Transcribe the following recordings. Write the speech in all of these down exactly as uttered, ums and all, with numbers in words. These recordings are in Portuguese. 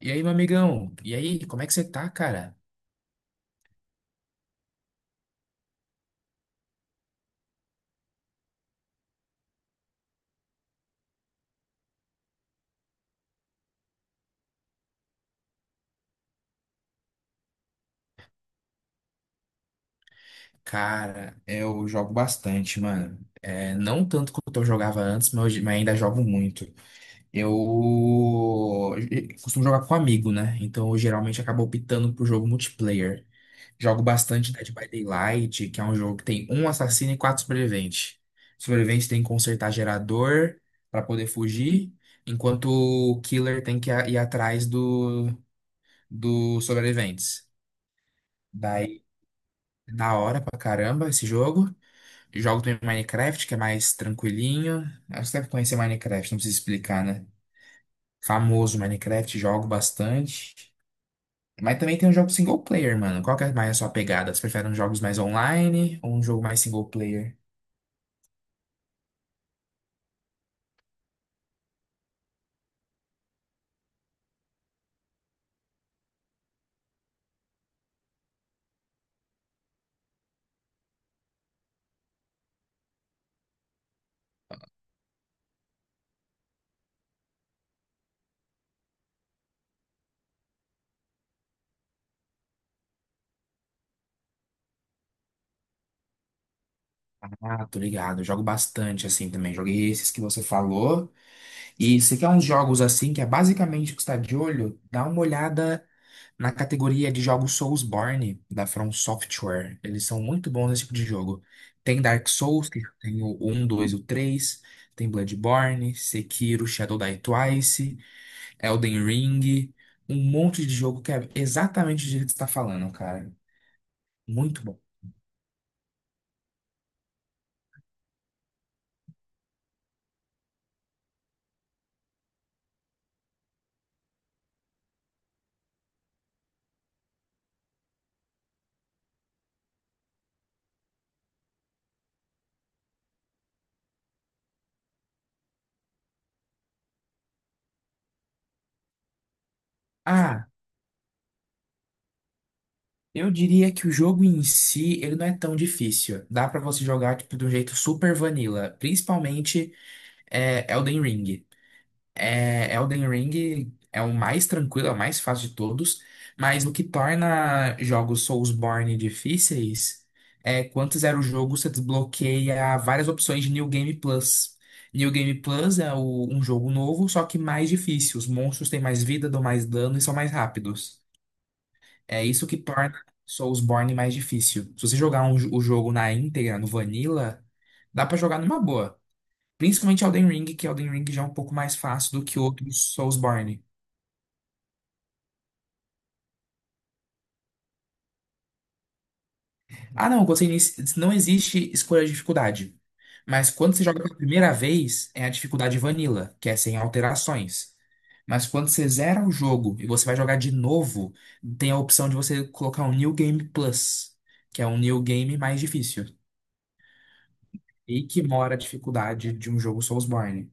E aí, meu amigão? E aí, como é que você tá, cara? Cara, eu jogo bastante, mano. É, não tanto quanto eu jogava antes, mas, hoje- mas ainda jogo muito. Eu eu costumo jogar com amigo, né? Então eu geralmente acabo optando pro jogo multiplayer. Jogo bastante Dead by Daylight, que é um jogo que tem um assassino e quatro sobreviventes. Sobrevivente tem que consertar gerador pra poder fugir, enquanto o killer tem que ir atrás do, dos sobreviventes. Daí da hora pra caramba esse jogo. Jogo também Minecraft, que é mais tranquilinho. Acho que você deve conhecer Minecraft, não precisa explicar, né? Famoso Minecraft, jogo bastante. Mas também tem um jogo single player, mano. Qual que é mais a sua pegada? Você prefere uns jogos mais online ou um jogo mais single player? Ah, tô ligado. Eu jogo bastante assim também. Joguei esses que você falou. E se quer uns jogos assim, que é basicamente o que está de olho, dá uma olhada na categoria de jogos Soulsborne da From Software. Eles são muito bons nesse tipo de jogo. Tem Dark Souls, que tem o um, dois, e o três, tem Bloodborne, Sekiro, Shadow Die Twice, Elden Ring, um monte de jogo que é exatamente o jeito que você está falando, cara. Muito bom. Ah, eu diria que o jogo em si, ele não é tão difícil. Dá pra você jogar tipo de um jeito super vanilla, principalmente é, Elden Ring. É, Elden Ring é o mais tranquilo, é o mais fácil de todos, mas o que torna jogos Soulsborne difíceis é quando você zera o jogo, você desbloqueia várias opções de New Game Plus. New Game Plus é o- um jogo novo, só que mais difícil. Os monstros têm mais vida, dão mais dano e são mais rápidos. É isso que torna Soulsborne mais difícil. Se você jogar um jo- o jogo na íntegra, no Vanilla, dá pra jogar numa boa. Principalmente Elden Ring, que Elden Ring já é um pouco mais fácil do que outros Soulsborne. Ah, não, eu gostei nisso. Não existe escolha de dificuldade. Mas quando você joga pela primeira vez, é a dificuldade vanilla, que é sem alterações. Mas quando você zera o jogo e você vai jogar de novo, tem a opção de você colocar um New Game Plus, que é um New Game mais difícil. E que mora a dificuldade de um jogo Soulsborne.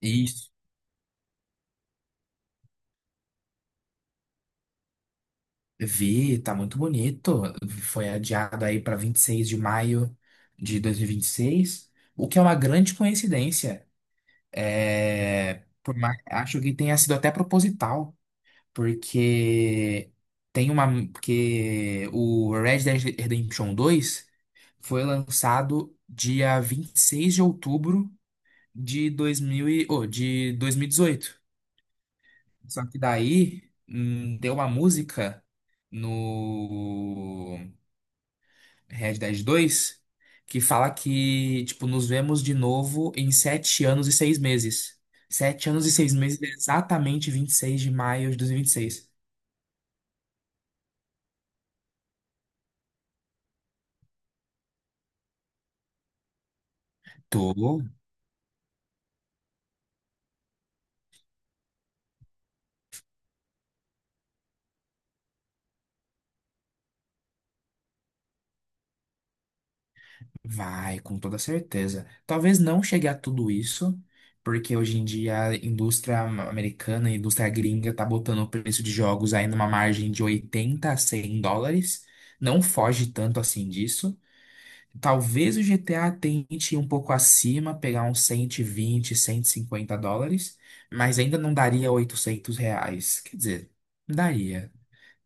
E vi, tá muito bonito. Foi adiado aí para vinte e seis de maio de dois mil e e vinte e seis, o que é uma grande coincidência. É, por mais- acho que tenha sido até proposital, porque tem uma, porque o Red Dead Redemption dois foi lançado dia vinte e seis de outubro de dois mil e, oh, de dois mil e dezoito. Só que daí, hum, deu uma música no Red Dead dois, que fala que, tipo, nos vemos de novo em sete anos e seis meses. Sete anos e seis meses, é exatamente vinte e seis de maio de dois mil e e vinte e seis. Tô, vai, com toda certeza. Talvez não chegue a tudo isso, porque hoje em dia a indústria americana, a indústria gringa, tá botando o preço de jogos aí numa margem de oitenta a cem dólares. Não foge tanto assim disso. Talvez o G T A tente ir um pouco acima, pegar uns cento e vinte, cento e cinquenta dólares, mas ainda não daria oitocentos reais. Quer dizer, daria,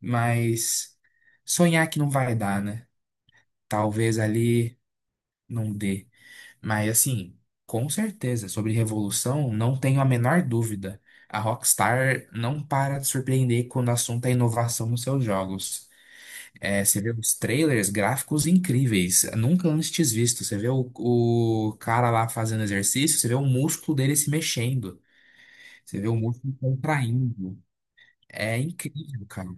mas sonhar que não vai dar, né? Talvez ali não dê. Mas assim, com certeza, sobre revolução, não tenho a menor dúvida. A Rockstar não para de surpreender quando o assunto é inovação nos seus jogos. É, você vê os trailers, gráficos incríveis, nunca antes visto. Você vê o, o cara lá fazendo exercício, você vê o músculo dele se mexendo, você vê o músculo contraindo. É incrível, cara.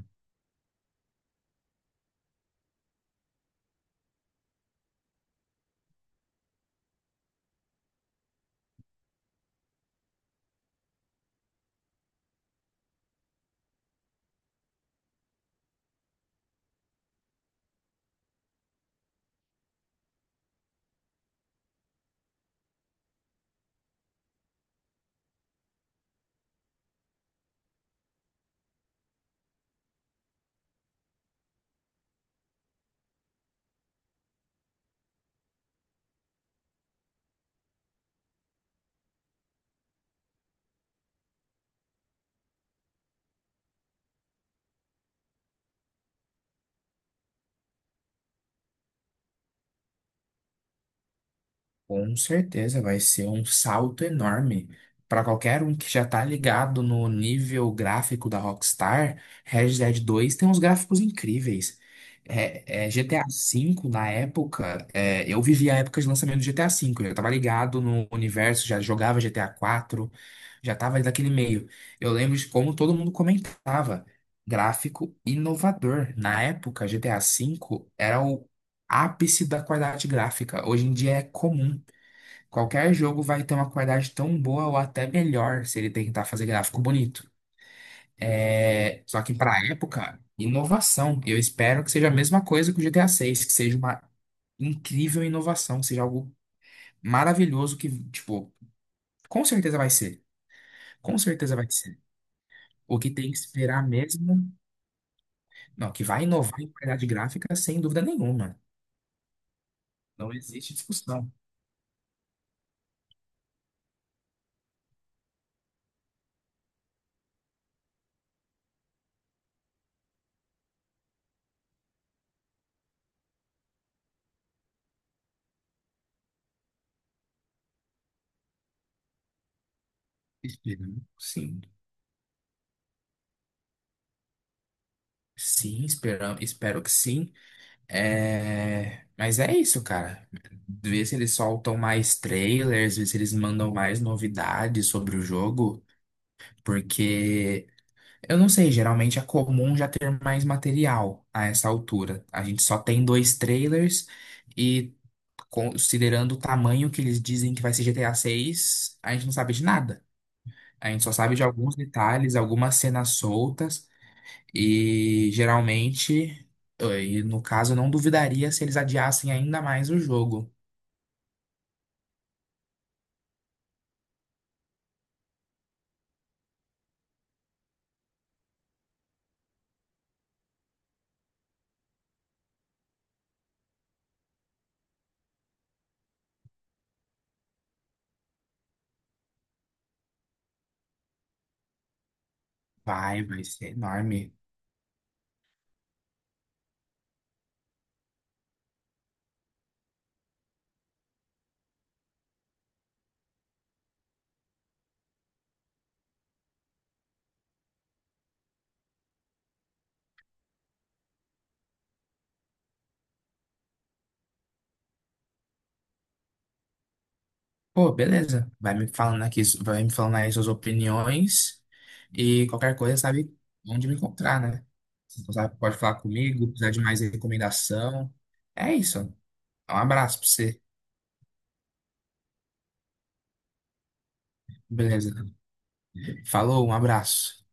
Com certeza vai ser um salto enorme. Para qualquer um que já tá ligado no nível gráfico da Rockstar, Red Dead dois tem uns gráficos incríveis. É, é, G T A V, na época, é, eu vivi a época de lançamento do G T A V, eu já tava ligado no universo, já jogava G T A quatro, já tava ali naquele meio. Eu lembro de como todo mundo comentava. Gráfico inovador. Na época, G T A V era o ápice da qualidade gráfica. Hoje em dia é comum. Qualquer jogo vai ter uma qualidade tão boa ou até melhor se ele tentar fazer gráfico bonito. É, só que para época, inovação. Eu espero que seja a mesma coisa que o G T A seis, que seja uma incrível inovação, seja algo maravilhoso que, tipo, com certeza vai ser. Com certeza vai ser. O que tem que esperar mesmo, não, que vai inovar em qualidade gráfica sem dúvida nenhuma. Não existe discussão. Esperamos, sim. Sim, esperamos, espero que sim. É, mas é isso, cara. Ver se eles soltam mais trailers, ver se eles mandam mais novidades sobre o jogo, porque eu não sei, geralmente é comum já ter mais material a essa altura. A gente só tem dois trailers e considerando o tamanho que eles dizem que vai ser G T A seis, a seis, a gente não sabe de nada. A gente só sabe de alguns detalhes, algumas cenas soltas. E geralmente, eh, e no caso, eu não duvidaria se eles adiassem ainda mais o jogo. Vai, vai ser enorme. Pô, beleza. Vai me falando aqui, vai me falando aí suas opiniões e qualquer coisa sabe onde me encontrar, né? Então, sabe, pode falar comigo, precisar de mais recomendação. É isso. Um abraço pra você. Beleza. Falou, um abraço.